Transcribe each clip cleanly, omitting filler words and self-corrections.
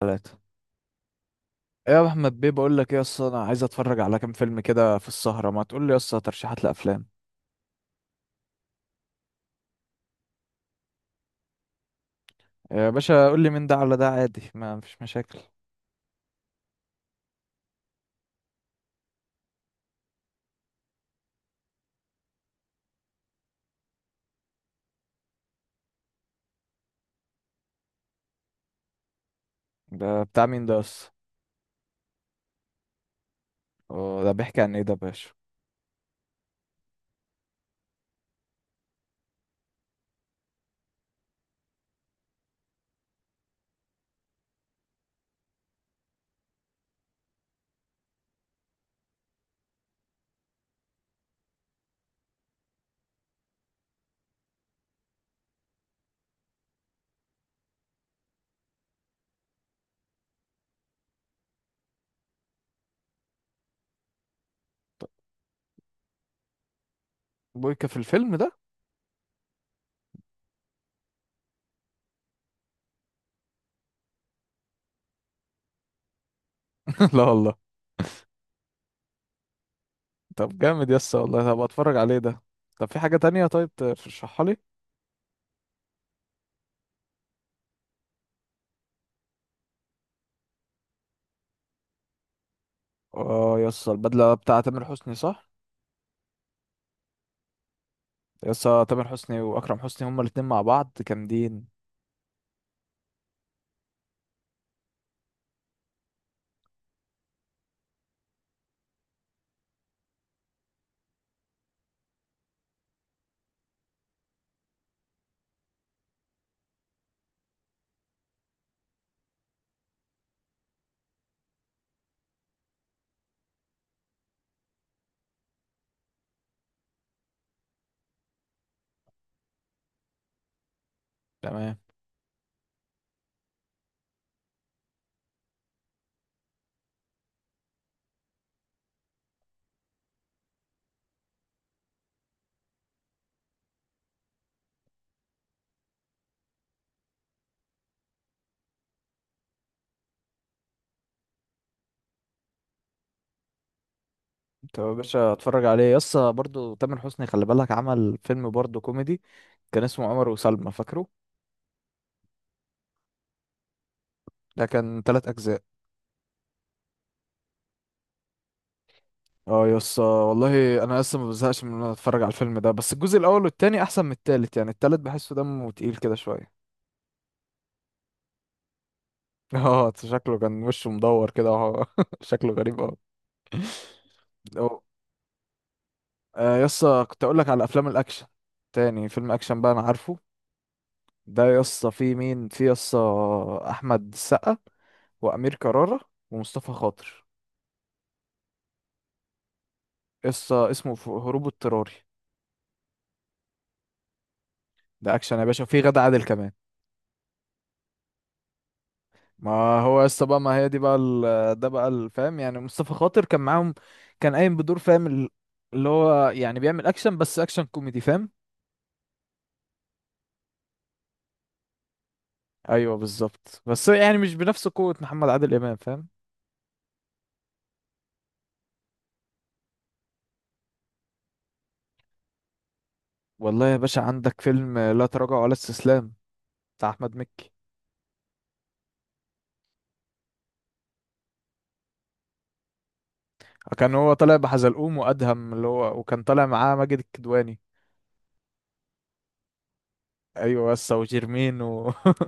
ثلاثة. ايه يا احمد بيه، بقول لك ايه اصلا؟ انا عايز اتفرج على كام فيلم كده في السهرة، ما تقول لي اصلا ترشيحات لافلام. يا باشا قول لي مين ده على ده، عادي ما فيش مشاكل. ده بتاع مين ده اصلا؟ أه، ده بيحكي عن ايه ده يا باشا؟ طب. بويكا في الفيلم ده؟ لا والله. طب جامد يسا والله، طب اتفرج عليه ده. طب في حاجة تانية، طيب ترشحها لي. اه يسا، البدلة بتاع تامر حسني صح؟ يسا تامر حسني واكرم حسني هما الاتنين مع بعض جامدين. تمام. طب يا باشا اتفرج عليه يسا، برضو تامر حسني خلي بالك عمل فيلم برضو كوميدي، كان اسمه عمر وسلمى، فاكره؟ ده كان 3 اجزاء. اه يسا والله انا لسه ما بزهقش من ان انا اتفرج على الفيلم ده، بس الجزء الاول والتاني احسن من التالت، يعني التالت بحسه دمه تقيل كده شويه. اه شكله كان وشه مدور كده، وهو شكله غريب اوي. اه يسا كنت اقول لك على افلام الاكشن. تاني فيلم اكشن بقى انا عارفه، ده يسا في مين، في يسا احمد السقا وامير كرارة ومصطفى خاطر. قصه اسمه هروب اضطراري. ده اكشن يا باشا، وفيه غادة عادل كمان. ما هو قصه بقى، ما هي دي بقى ده بقى الفهم، يعني مصطفى خاطر كان معاهم. كان قايم بدور، فاهم اللي هو يعني بيعمل اكشن، بس اكشن كوميدي فاهم. ايوه بالظبط، بس يعني مش بنفس قوه محمد عادل امام فاهم. والله يا باشا عندك فيلم لا تراجع ولا استسلام، بتاع احمد مكي. كان هو طالع بحزلقوم وادهم، اللي هو وكان طالع معاه ماجد الكدواني. ايوه، بس وجيرمين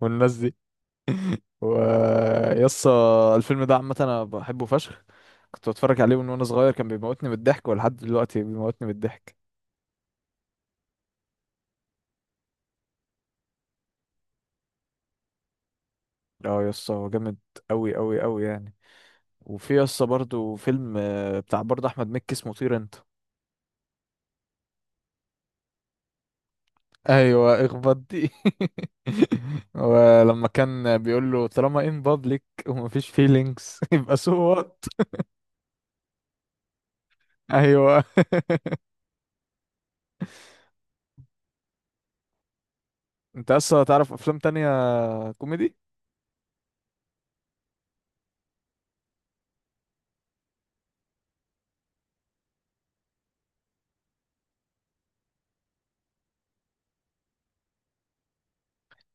والناس دي. ويسا الفيلم ده عامة أنا بحبه فشخ، كنت بتفرج عليه من وأنا صغير، كان بيموتني من الضحك، ولحد دلوقتي بيموتني من الضحك. اه يسا هو جامد أوي أوي أوي يعني. وفي يسا برضو فيلم، بتاع برضه أحمد مكي، اسمه طير أنت. أيوة، اخبط دي. ولما كان بيقول له طالما ان بابليك ومفيش فيلينجز يبقى سو وات. أيوة. أنت يسا تعرف أفلام تانية كوميدي؟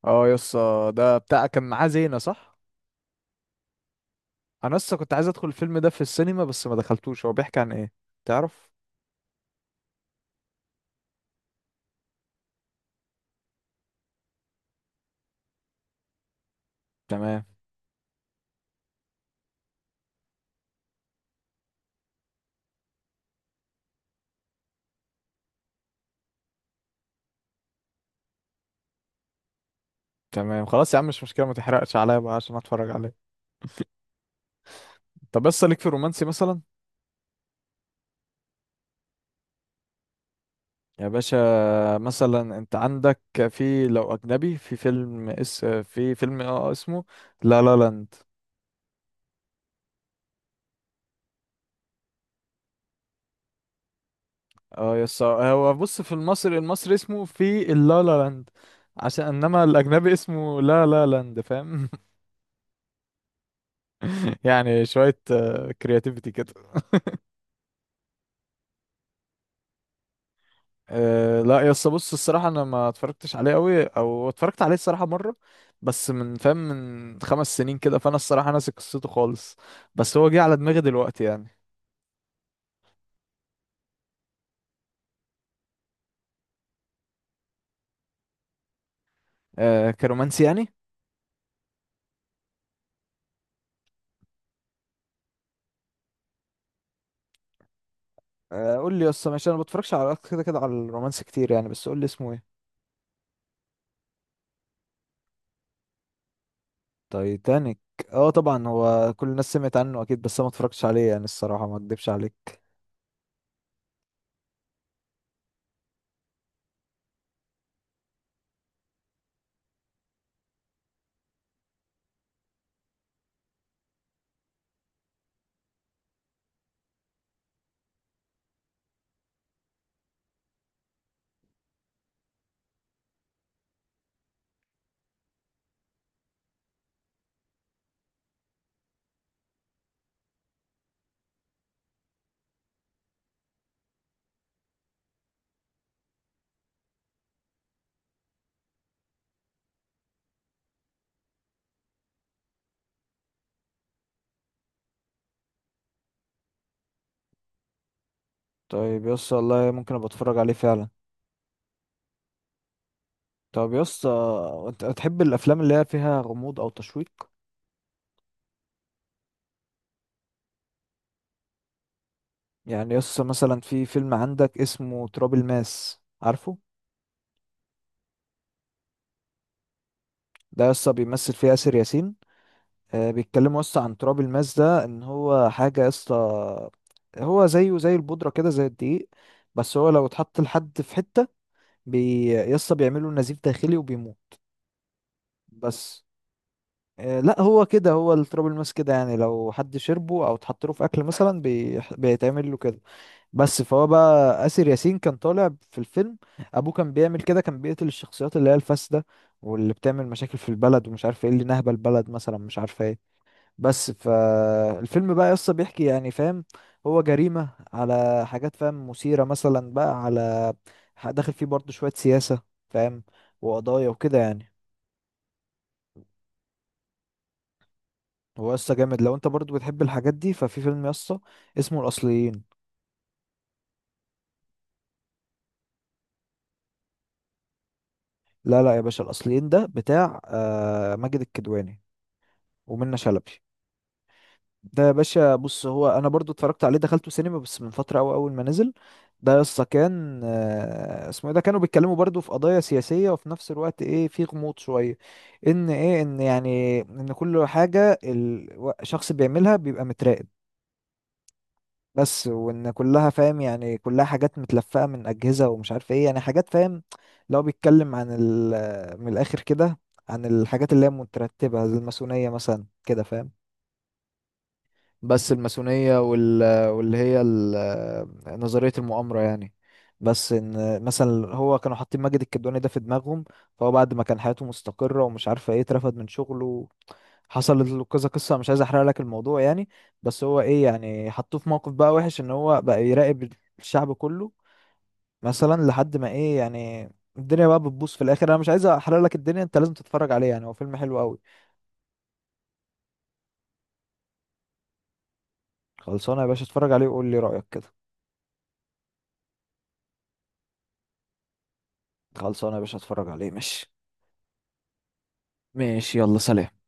اه يسا ده بتاع كان معاه زينة صح؟ انا لسه كنت عايز ادخل الفيلم ده في السينما، بس ما دخلتوش، هو بيحكي عن ايه تعرف؟ تمام. تمام خلاص يا عم، مش مشكله، ما تحرقش عليا بقى عشان اتفرج عليه. طب بس ليك في الرومانسي مثلا؟ يا باشا مثلا انت عندك، في لو اجنبي، في فيلم اس، في فيلم اه اسمه لا لا لاند. اه يس هو بص، في المصري المصري اسمه في اللا لا لاند، عشان انما الاجنبي اسمه لا لا لاند فاهم. يعني شويه كرياتيفيتي كده. أه لا يا اسطى بص، الصراحه انا ما اتفرجتش عليه قوي، او اتفرجت عليه الصراحه مره، بس من فاهم من 5 سنين كده، فانا الصراحه ناسي قصته خالص، بس هو جه على دماغي دلوقتي يعني. أه كرومانسي يعني. أه قول لي يا اسطى ماشي، انا ما بتفرجش على كده كده على الرومانسي كتير يعني، بس قول لي اسمه ايه. تايتانيك. اه طبعا هو كل الناس سمعت عنه اكيد، بس انا ما اتفرجتش عليه يعني، الصراحه ما اكدبش عليك. طيب يا اسطى والله ممكن ابقى اتفرج عليه فعلا. طب يا اسطى انت بتحب الافلام اللي هي فيها غموض او تشويق؟ يعني يسطا مثلا في فيلم عندك اسمه تراب الماس، عارفه؟ ده يسطا بيمثل فيه آسر ياسين. آه بيتكلموا يسطا عن تراب الماس ده، ان هو حاجة يسطا، هو زيه زي البودرة كده، زي الدقيق، بس هو لو اتحط لحد في حتة يسطا بيعمله نزيف داخلي وبيموت. بس آه لا هو كده، هو التراب الماس كده يعني لو حد شربه او اتحط له في اكل مثلا بيتعمل له كده. بس فهو بقى آسر ياسين كان طالع في الفيلم، ابوه كان بيعمل كده، كان بيقتل الشخصيات اللي هي الفاسدة، واللي بتعمل مشاكل في البلد ومش عارف ايه، اللي نهبة البلد مثلا مش عارف ايه. بس فالفيلم بقى يسطا بيحكي يعني فاهم، هو جريمة على حاجات فاهم مثيرة مثلا بقى على، داخل فيه برضه شوية سياسة فاهم وقضايا وكده يعني. هو يسطا جامد، لو انت برضه بتحب الحاجات دي ففي فيلم يسطا اسمه الأصليين. لا لا يا باشا، الأصليين ده بتاع ماجد الكدواني ومنة شلبي. ده يا باشا بص، هو انا برضو اتفرجت عليه دخلته سينما، بس من فتره قوي اول ما نزل. ده يسطا كان اسمه ايه ده، كانوا بيتكلموا برضو في قضايا سياسيه، وفي نفس الوقت ايه في غموض شويه، ان ايه ان يعني ان كل حاجه الشخص بيعملها بيبقى متراقب، بس وان كلها فاهم يعني كلها حاجات متلفقه من اجهزه ومش عارف ايه يعني حاجات فاهم. لو بيتكلم عن ال من الاخر كده، عن الحاجات اللي هي مترتبه زي الماسونيه مثلا كده فاهم. بس الماسونية نظرية المؤامرة يعني. بس ان مثلا هو كانوا حاطين ماجد الكدواني ده في دماغهم، فهو بعد ما كان حياته مستقرة ومش عارفة ايه اترفد من شغله، حصلت له كذا قصة، مش عايز احرق لك الموضوع يعني. بس هو ايه يعني حطوه في موقف بقى وحش، ان هو بقى يراقب الشعب كله مثلا، لحد ما ايه يعني الدنيا بقى بتبوظ في الاخر، انا مش عايز احرق لك الدنيا، انت لازم تتفرج عليه يعني، هو فيلم حلو قوي. خلصانه يا باشا اتفرج عليه وقول لي رأيك كده. خلصانه يا باشا اتفرج عليه ماشي. ماشي يلا سلام.